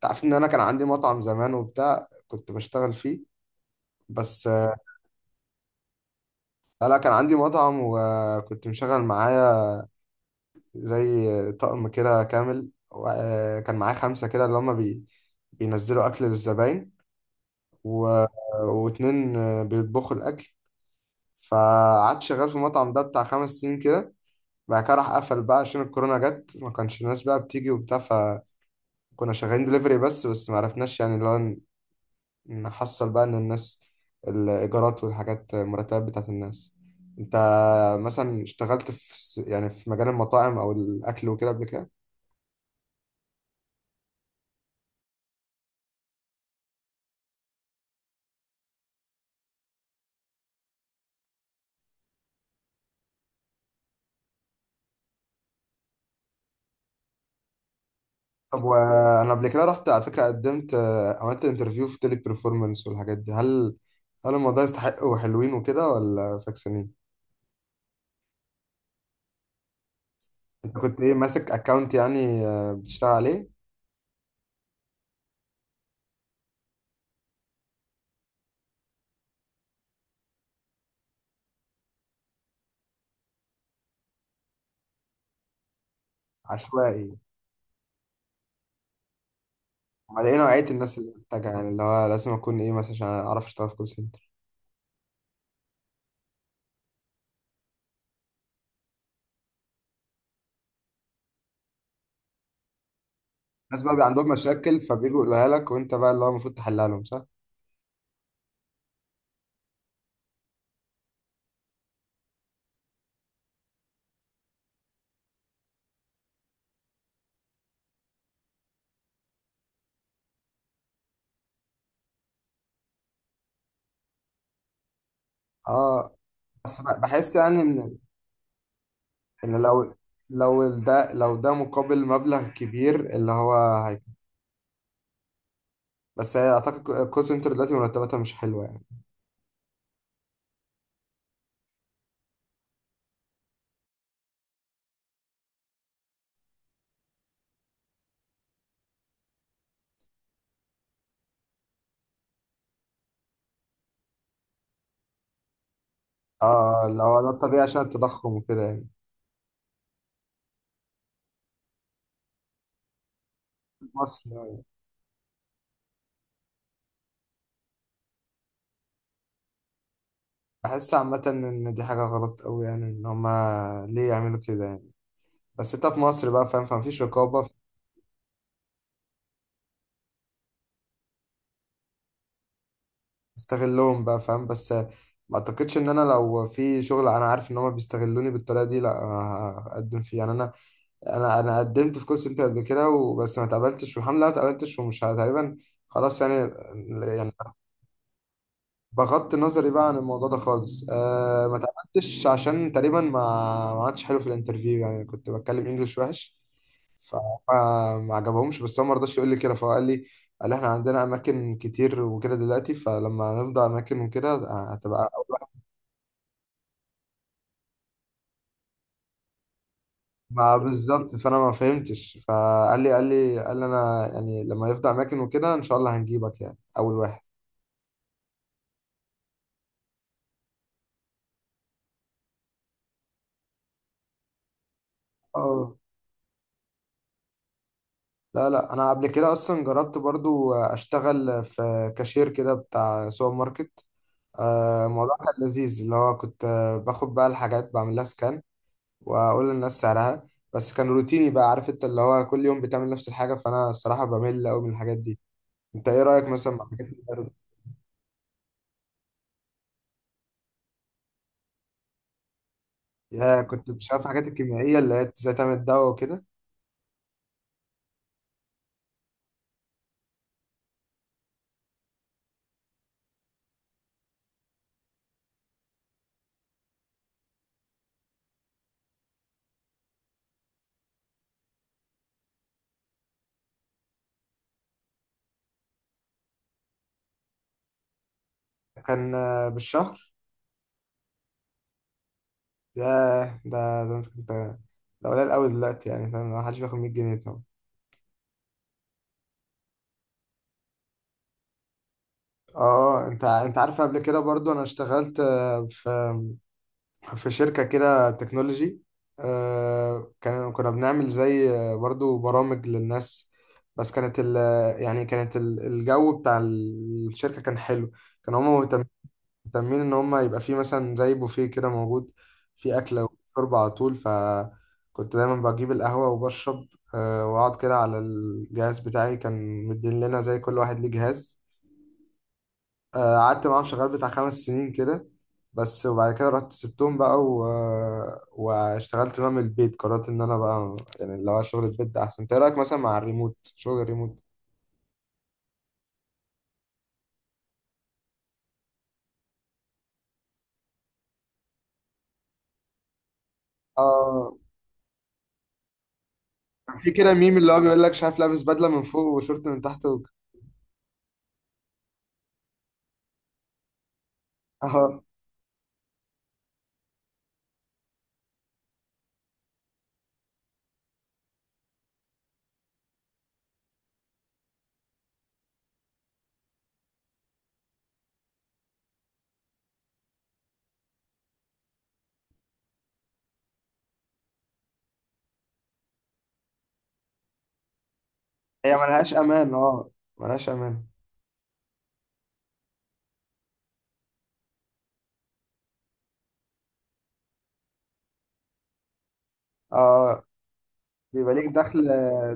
تعرف ان انا كان عندي مطعم زمان وبتاع كنت بشتغل فيه بس. لا كان عندي مطعم وكنت مشغل معايا زي طقم كده كامل وكان معايا خمسة كده اللي هما بي بينزلوا أكل للزباين و... واتنين بيطبخوا الأكل. فقعدت شغال في المطعم ده بتاع 5 سنين كده. بعد كده راح قفل بقى عشان الكورونا جت ما كانش الناس بقى بتيجي وبتاع فكنا شغالين دليفري بس ما عرفناش يعني اللي هو نحصل بقى ان الناس الايجارات والحاجات المرتبات بتاعت الناس. انت مثلا اشتغلت في يعني في مجال المطاعم او الاكل وكده قبل كده؟ طب وانا قبل كده رحت على فكره قدمت، عملت انترفيو في تيلي بيرفورمانس والحاجات دي. هل الموضوع يستحق وحلوين وكده ولا فاكسانين؟ انت كنت ايه ماسك اكونت يعني، بتشتغل عليه؟ عشوائي على ايه نوعيه الناس اللي محتاجه يعني اللي هو لازم اكون ايه مثلا عشان اعرف اشتغل في كول سنتر؟ الناس بقى بيبقى عندهم مشاكل فبيجوا يقولوها لك وانت بقى اللي هو المفروض تحلها لهم صح. اه بس بحس يعني ان ان لو لو ده مقابل مبلغ كبير اللي هو. هي بس هي اعتقد الكول سنتر دلوقتي مرتباتها مش حلوه يعني. اه لو ده الطبيعي عشان التضخم وكده يعني. في مصر يعني. بحس عامه ان دي حاجه غلط قوي يعني، ان هما ليه يعملوا كده يعني. بس انت في مصر بقى فاهم فمفيش رقابه. استغلهم بقى فاهم. بس ما اعتقدش ان انا لو في شغل انا عارف ان هما بيستغلوني بالطريقه دي لا هقدم فيه يعني. انا قدمت في كول سنتر قبل كده وبس ما اتقبلتش والحمد لله ما اتقبلتش ومش تقريبا خلاص يعني. يعني بغض نظري بقى عن الموضوع ده خالص ما اتقبلتش عشان تقريبا ما عادش حلو في الانترفيو يعني كنت بتكلم انجلش وحش. فما ما عجبهمش بس هو ما رضاش يقول لي كده فقال لي قال لي احنا عندنا اماكن كتير وكده دلوقتي فلما نفضى اماكن وكده، هتبقى. ما بالظبط فانا ما فهمتش فقال لي قال لي انا يعني لما يفضى اماكن وكده ان شاء الله هنجيبك يعني اول واحد. اه لا لا انا قبل كده اصلا جربت برضو اشتغل في كاشير كده بتاع سوبر ماركت. الموضوع كان لذيذ اللي هو كنت باخد بقى الحاجات بعمل لها سكان واقول للناس سعرها. بس كان روتيني بقى عارف انت اللي هو كل يوم بتعمل نفس الحاجه فانا الصراحه بمل قوي من الحاجات دي. انت ايه رايك مثلا مع حاجات الدواء؟ يا كنت مش عارف الحاجات الكيميائيه اللي هي ازاي تعمل دواء وكده. كان بالشهر؟ ياه ده انت كنت، ده قليل قوي دلوقتي يعني فاهم ما حدش بياخد 100 جنيه طبعا. اه انت عارف قبل كده برضو انا اشتغلت، في شركة كده تكنولوجي. كان كنا بنعمل زي برضو برامج للناس. بس كانت يعني كانت الجو بتاع الشركة كان حلو. كانوا هما مهتمين مهتمين ان هم يبقى في مثلا زي بوفيه كده موجود في اكله وشرب على طول فكنت دايما بجيب القهوه وبشرب. واقعد كده على الجهاز بتاعي كان مدين لنا زي كل واحد ليه جهاز. قعدت معاهم شغال بتاع 5 سنين كده بس. وبعد كده رحت سبتهم بقى واشتغلت بقى من البيت. قررت ان انا بقى يعني اللي هو شغل البيت ده احسن. إنت ايه رايك مثلا مع الريموت شغل الريموت؟ اه في كده ميم اللي هو بيقول لك شايف لابس بدله من فوق وشورت من تحت هي ملهاش امان. اه ملهاش امان. اه بيبقى ليك دخل،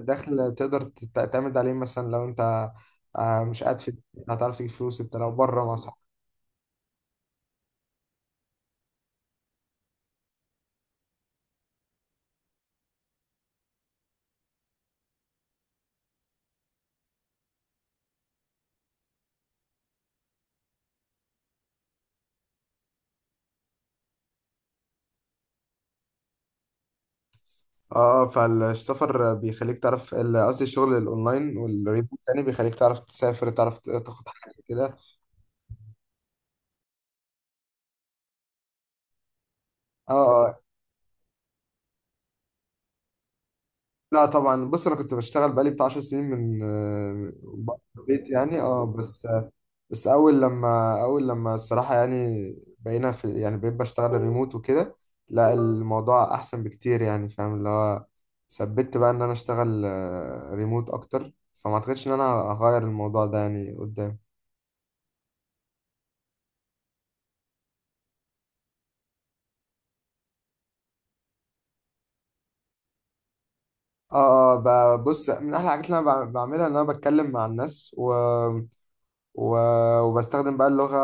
دخل تقدر تعتمد عليه مثلا لو انت مش قاعد في البيت هتعرف تجيب فلوس انت لو بره مع صحابك. اه فالسفر بيخليك تعرف قصدي الشغل الاونلاين والريموت يعني بيخليك تعرف تسافر تعرف تاخد حاجه كده. اه اه لا طبعا بص انا كنت بشتغل بقالي بتاع 10 سنين من بره البيت يعني اه بس. بس اول لما الصراحه يعني بقينا في يعني بقيت بشتغل ريموت وكده. لا الموضوع احسن بكتير يعني فاهم اللي هو ثبت بقى ان انا اشتغل ريموت اكتر فما اعتقدش ان انا هغير الموضوع ده يعني قدام. اه اه بص من احلى الحاجات اللي انا بعملها ان انا بتكلم مع الناس وبستخدم بقى اللغة.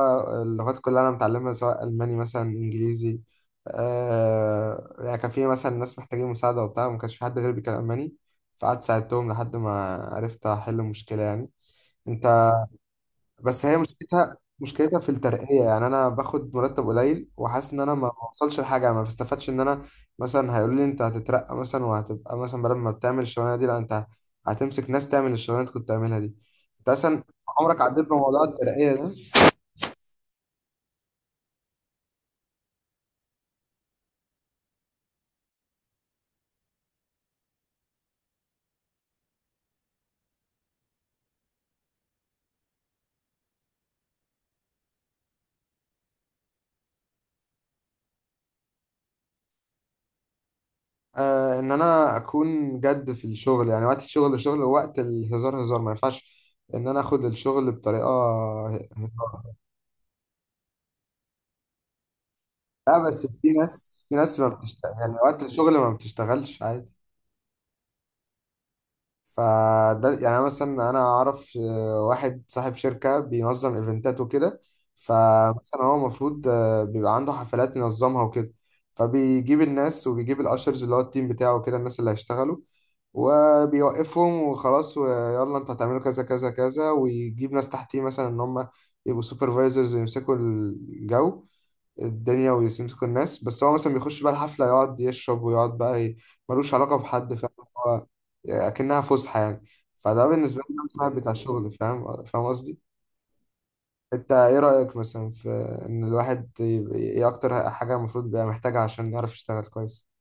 اللغات كلها اللي أنا متعلمها سواء ألماني مثلا إنجليزي. يعني كان في مثلا ناس محتاجين مساعدة وبتاع وما كانش في حد غيري بيتكلم ألماني فقعدت ساعدتهم لحد ما عرفت أحل المشكلة يعني. أنت بس هي مشكلتها مشكلتها في الترقية يعني أنا باخد مرتب قليل وحاسس إن أنا ما بوصلش لحاجة ما بستفادش إن أنا مثلا هيقولوا لي أنت هتترقى مثلا وهتبقى مثلا بدل ما بتعمل الشغلانة دي لا أنت هتمسك ناس تعمل الشغلانة اللي أنت كنت بتعملها دي. أنت أصلا عمرك عديت بموضوع الترقية ده؟ آه ان انا اكون جد في الشغل يعني وقت الشغل شغل ووقت الهزار هزار ما ينفعش ان انا اخد الشغل بطريقه هزار. لا بس في ناس ما بتشتغل يعني وقت الشغل ما بتشتغلش عادي. فده يعني أنا مثلا اعرف واحد صاحب شركة بينظم ايفنتات وكده. فمثلا هو المفروض بيبقى عنده حفلات ينظمها وكده فبيجيب الناس وبيجيب الاشرز اللي هو التيم بتاعه كده الناس اللي هيشتغلوا وبيوقفهم وخلاص ويلا انتوا هتعملوا كذا كذا كذا ويجيب ناس تحتيه مثلا ان هم يبقوا سوبرفايزرز ويمسكوا الجو الدنيا ويمسك الناس بس هو مثلا بيخش بقى الحفلة يقعد يشرب ويقعد بقى ملوش علاقة بحد فاهم هو يعني أكنها فسحة يعني. فده بالنسبة لي ده صاحب بتاع شغل فاهم، فاهم قصدي؟ أنت إيه رأيك مثلا في إن الواحد إيه أكتر حاجة المفروض بقى محتاجها عشان يعرف يشتغل كويس؟